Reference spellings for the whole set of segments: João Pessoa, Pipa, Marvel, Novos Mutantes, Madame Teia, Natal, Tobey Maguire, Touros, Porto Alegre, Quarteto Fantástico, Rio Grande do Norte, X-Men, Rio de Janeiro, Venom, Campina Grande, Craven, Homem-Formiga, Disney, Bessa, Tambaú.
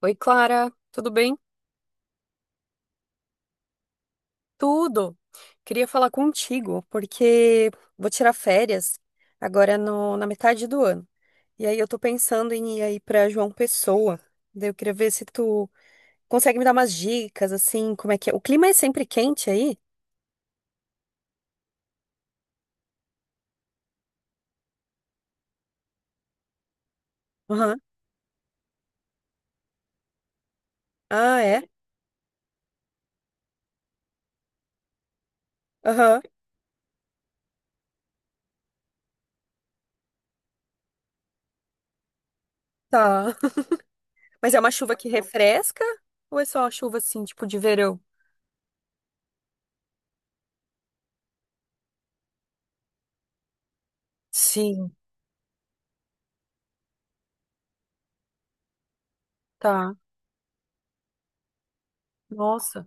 Oi, Clara, tudo bem? Tudo. Queria falar contigo porque vou tirar férias agora na metade do ano. E aí eu tô pensando em ir aí pra João Pessoa. Daí eu queria ver se tu consegue me dar umas dicas assim, como é que é? O clima é sempre quente aí? Aham. Ah, é? Aham. Tá. Mas é uma chuva que refresca ou é só uma chuva assim, tipo de verão? Sim, tá. Nossa.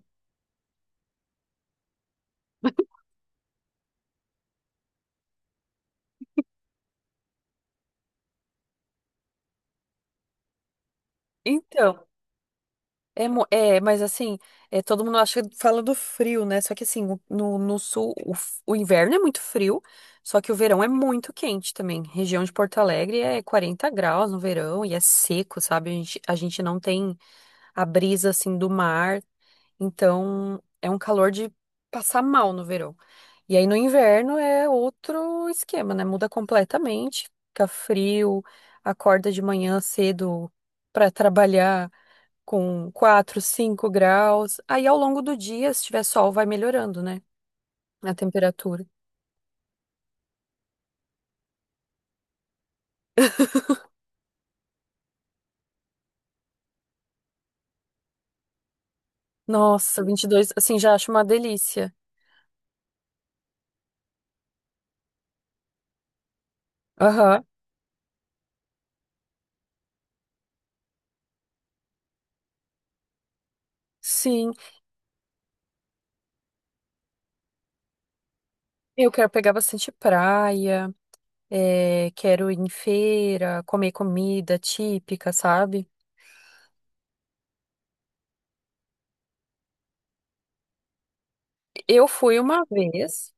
Então, é, é, mas assim, é, todo mundo acha, fala do frio, né? Só que assim, no sul, o inverno é muito frio, só que o verão é muito quente também. Região de Porto Alegre é 40 graus no verão e é seco, sabe? A gente não tem a brisa assim do mar, então é um calor de passar mal no verão. E aí no inverno é outro esquema, né? Muda completamente, fica frio, acorda de manhã cedo pra trabalhar com 4, 5 graus. Aí ao longo do dia, se tiver sol, vai melhorando, né? A temperatura. Nossa, 22. Assim, já acho uma delícia. Aham. Sim, eu quero pegar bastante praia, é, quero ir em feira, comer comida típica, sabe? Eu fui uma vez,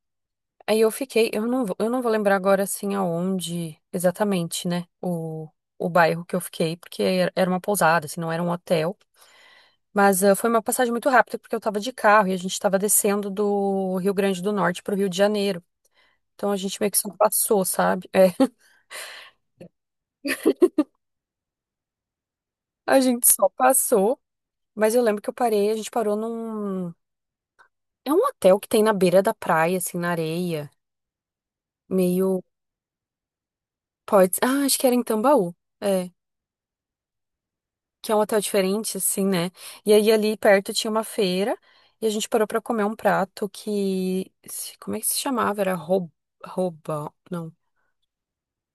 aí eu fiquei, eu não, eu não vou lembrar agora assim aonde exatamente, né? O bairro que eu fiquei, porque era uma pousada, assim, não era um hotel. Mas ah, foi uma passagem muito rápida porque eu estava de carro e a gente estava descendo do Rio Grande do Norte para o Rio de Janeiro. Então a gente meio que só passou, sabe? É, a gente só passou. Mas eu lembro que eu parei, a gente parou num. É um hotel que tem na beira da praia, assim, na areia. Meio. Pode. Ah, acho que era em Tambaú. É. Que é um hotel diferente, assim, né? E aí ali perto tinha uma feira e a gente parou para comer um prato que. Como é que se chamava? Era rouba. Rouba. Não.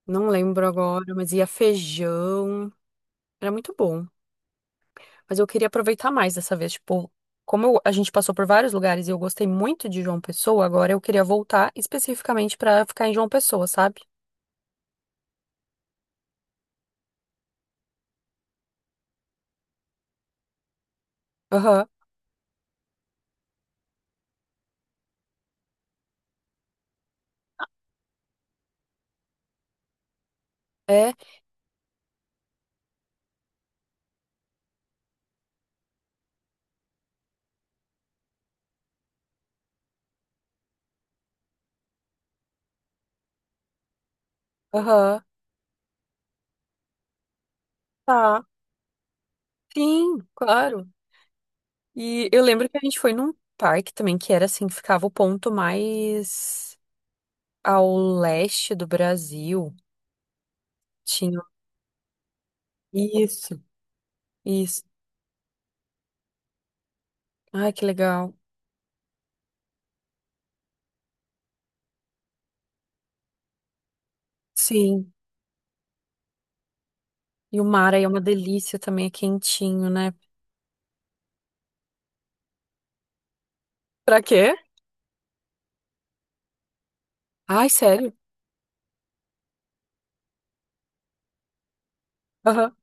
Não lembro agora, mas ia feijão. Era muito bom. Mas eu queria aproveitar mais dessa vez. Tipo, como eu- a gente passou por vários lugares e eu gostei muito de João Pessoa, agora eu queria voltar especificamente pra ficar em João Pessoa, sabe? Aham. É, aham. Tá. Sim, claro. E eu lembro que a gente foi num parque também que era assim, ficava o ponto mais ao leste do Brasil. Tinha. Isso, isso. Ai, que legal. Sim. E o mar aí é uma delícia também, é quentinho, né? Pra quê? Ai, sério? Aham.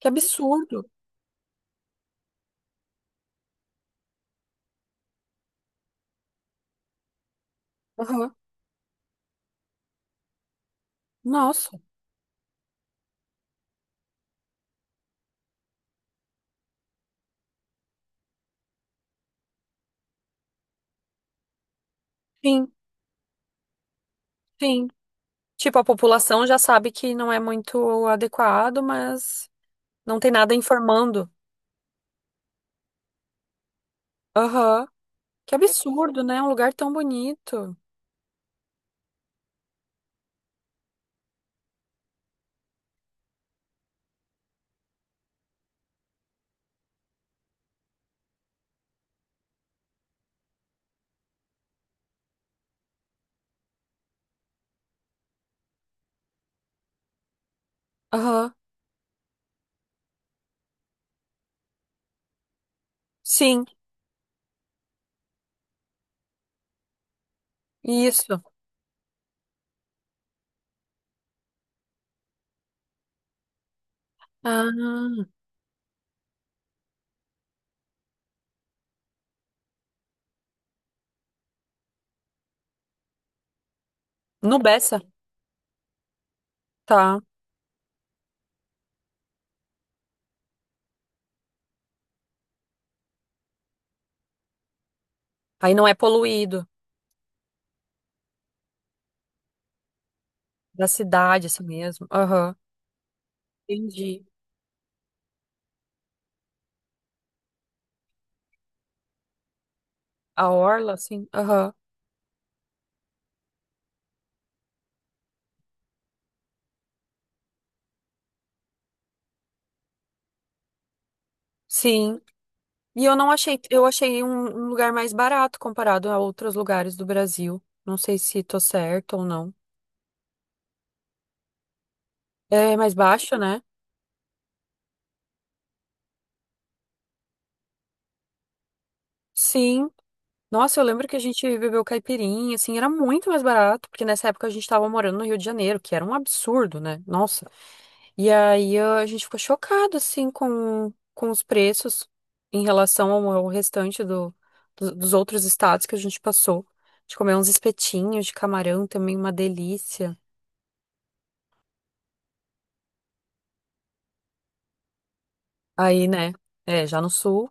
Que absurdo. Aham. Nossa. Sim, sim. Tipo, a população já sabe que não é muito adequado, mas não tem nada informando. Aham. Que absurdo, né? Um lugar tão bonito. Aham. Sim, isso. Ah, no Bessa. Tá. Aí não é poluído. Da cidade, assim mesmo. Aham. Entendi. A orla, assim. Aham. Sim. E eu não achei, eu achei um, um lugar mais barato comparado a outros lugares do Brasil. Não sei se tô certo ou não. É mais baixo, né? Sim. Nossa, eu lembro que a gente bebeu caipirinha, assim, era muito mais barato, porque nessa época a gente tava morando no Rio de Janeiro, que era um absurdo, né? Nossa. E aí a gente ficou chocado, assim, com os preços em relação ao restante dos outros estados que a gente passou. A gente comeu uns espetinhos de camarão também, uma delícia. Aí, né? É, já no sul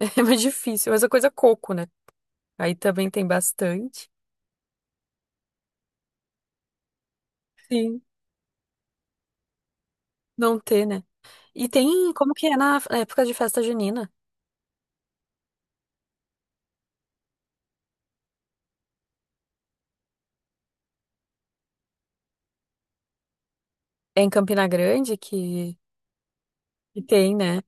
é mais difícil, mas a coisa é coco, né? Aí também tem bastante. Sim, não ter, né? E tem, como que é na época de festa junina? É em Campina Grande que tem, né?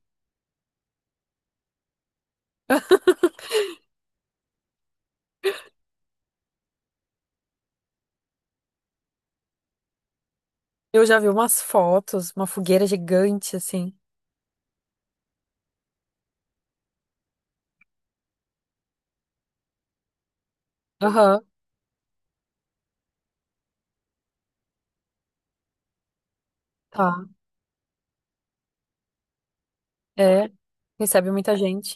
Eu já vi umas fotos, uma fogueira gigante, assim. Aham, tá. É, recebe muita gente.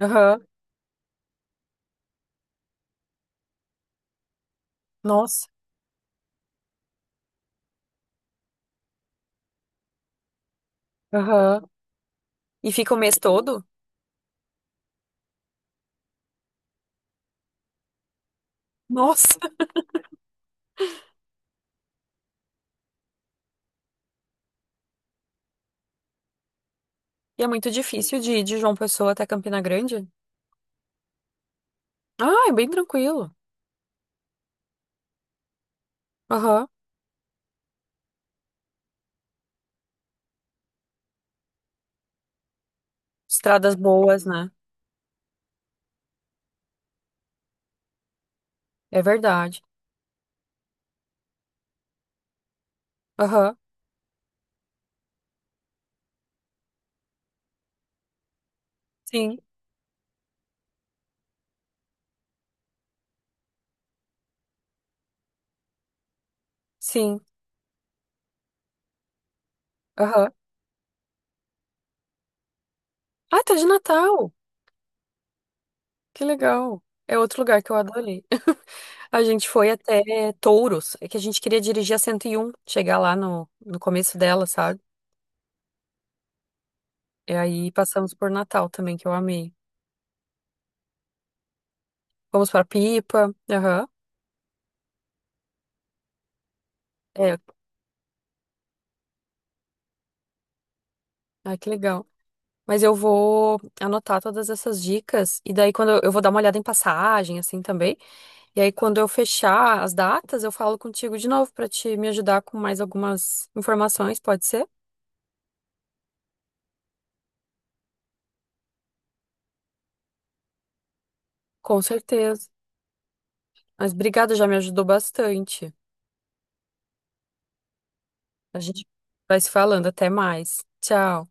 Aham, nossa. Aham. E fica o mês todo? Nossa. E é muito difícil de ir de João Pessoa até Campina Grande? Ah, é bem tranquilo. Aham. Estradas boas, né? É verdade. Aham. Sim, sim. Aham. Ah, tá de Natal. Que legal. É outro lugar que eu adorei. A gente foi até Touros. É que a gente queria dirigir a 101, chegar lá no, no começo dela, sabe? E aí passamos por Natal também, que eu amei. Vamos pra Pipa. Aham. É. Ah, que legal. Mas eu vou anotar todas essas dicas. E daí, quando eu vou dar uma olhada em passagem, assim também. E aí, quando eu fechar as datas, eu falo contigo de novo para te me ajudar com mais algumas informações, pode ser? Com certeza. Mas obrigada, já me ajudou bastante. A gente vai se falando, até mais. Tchau.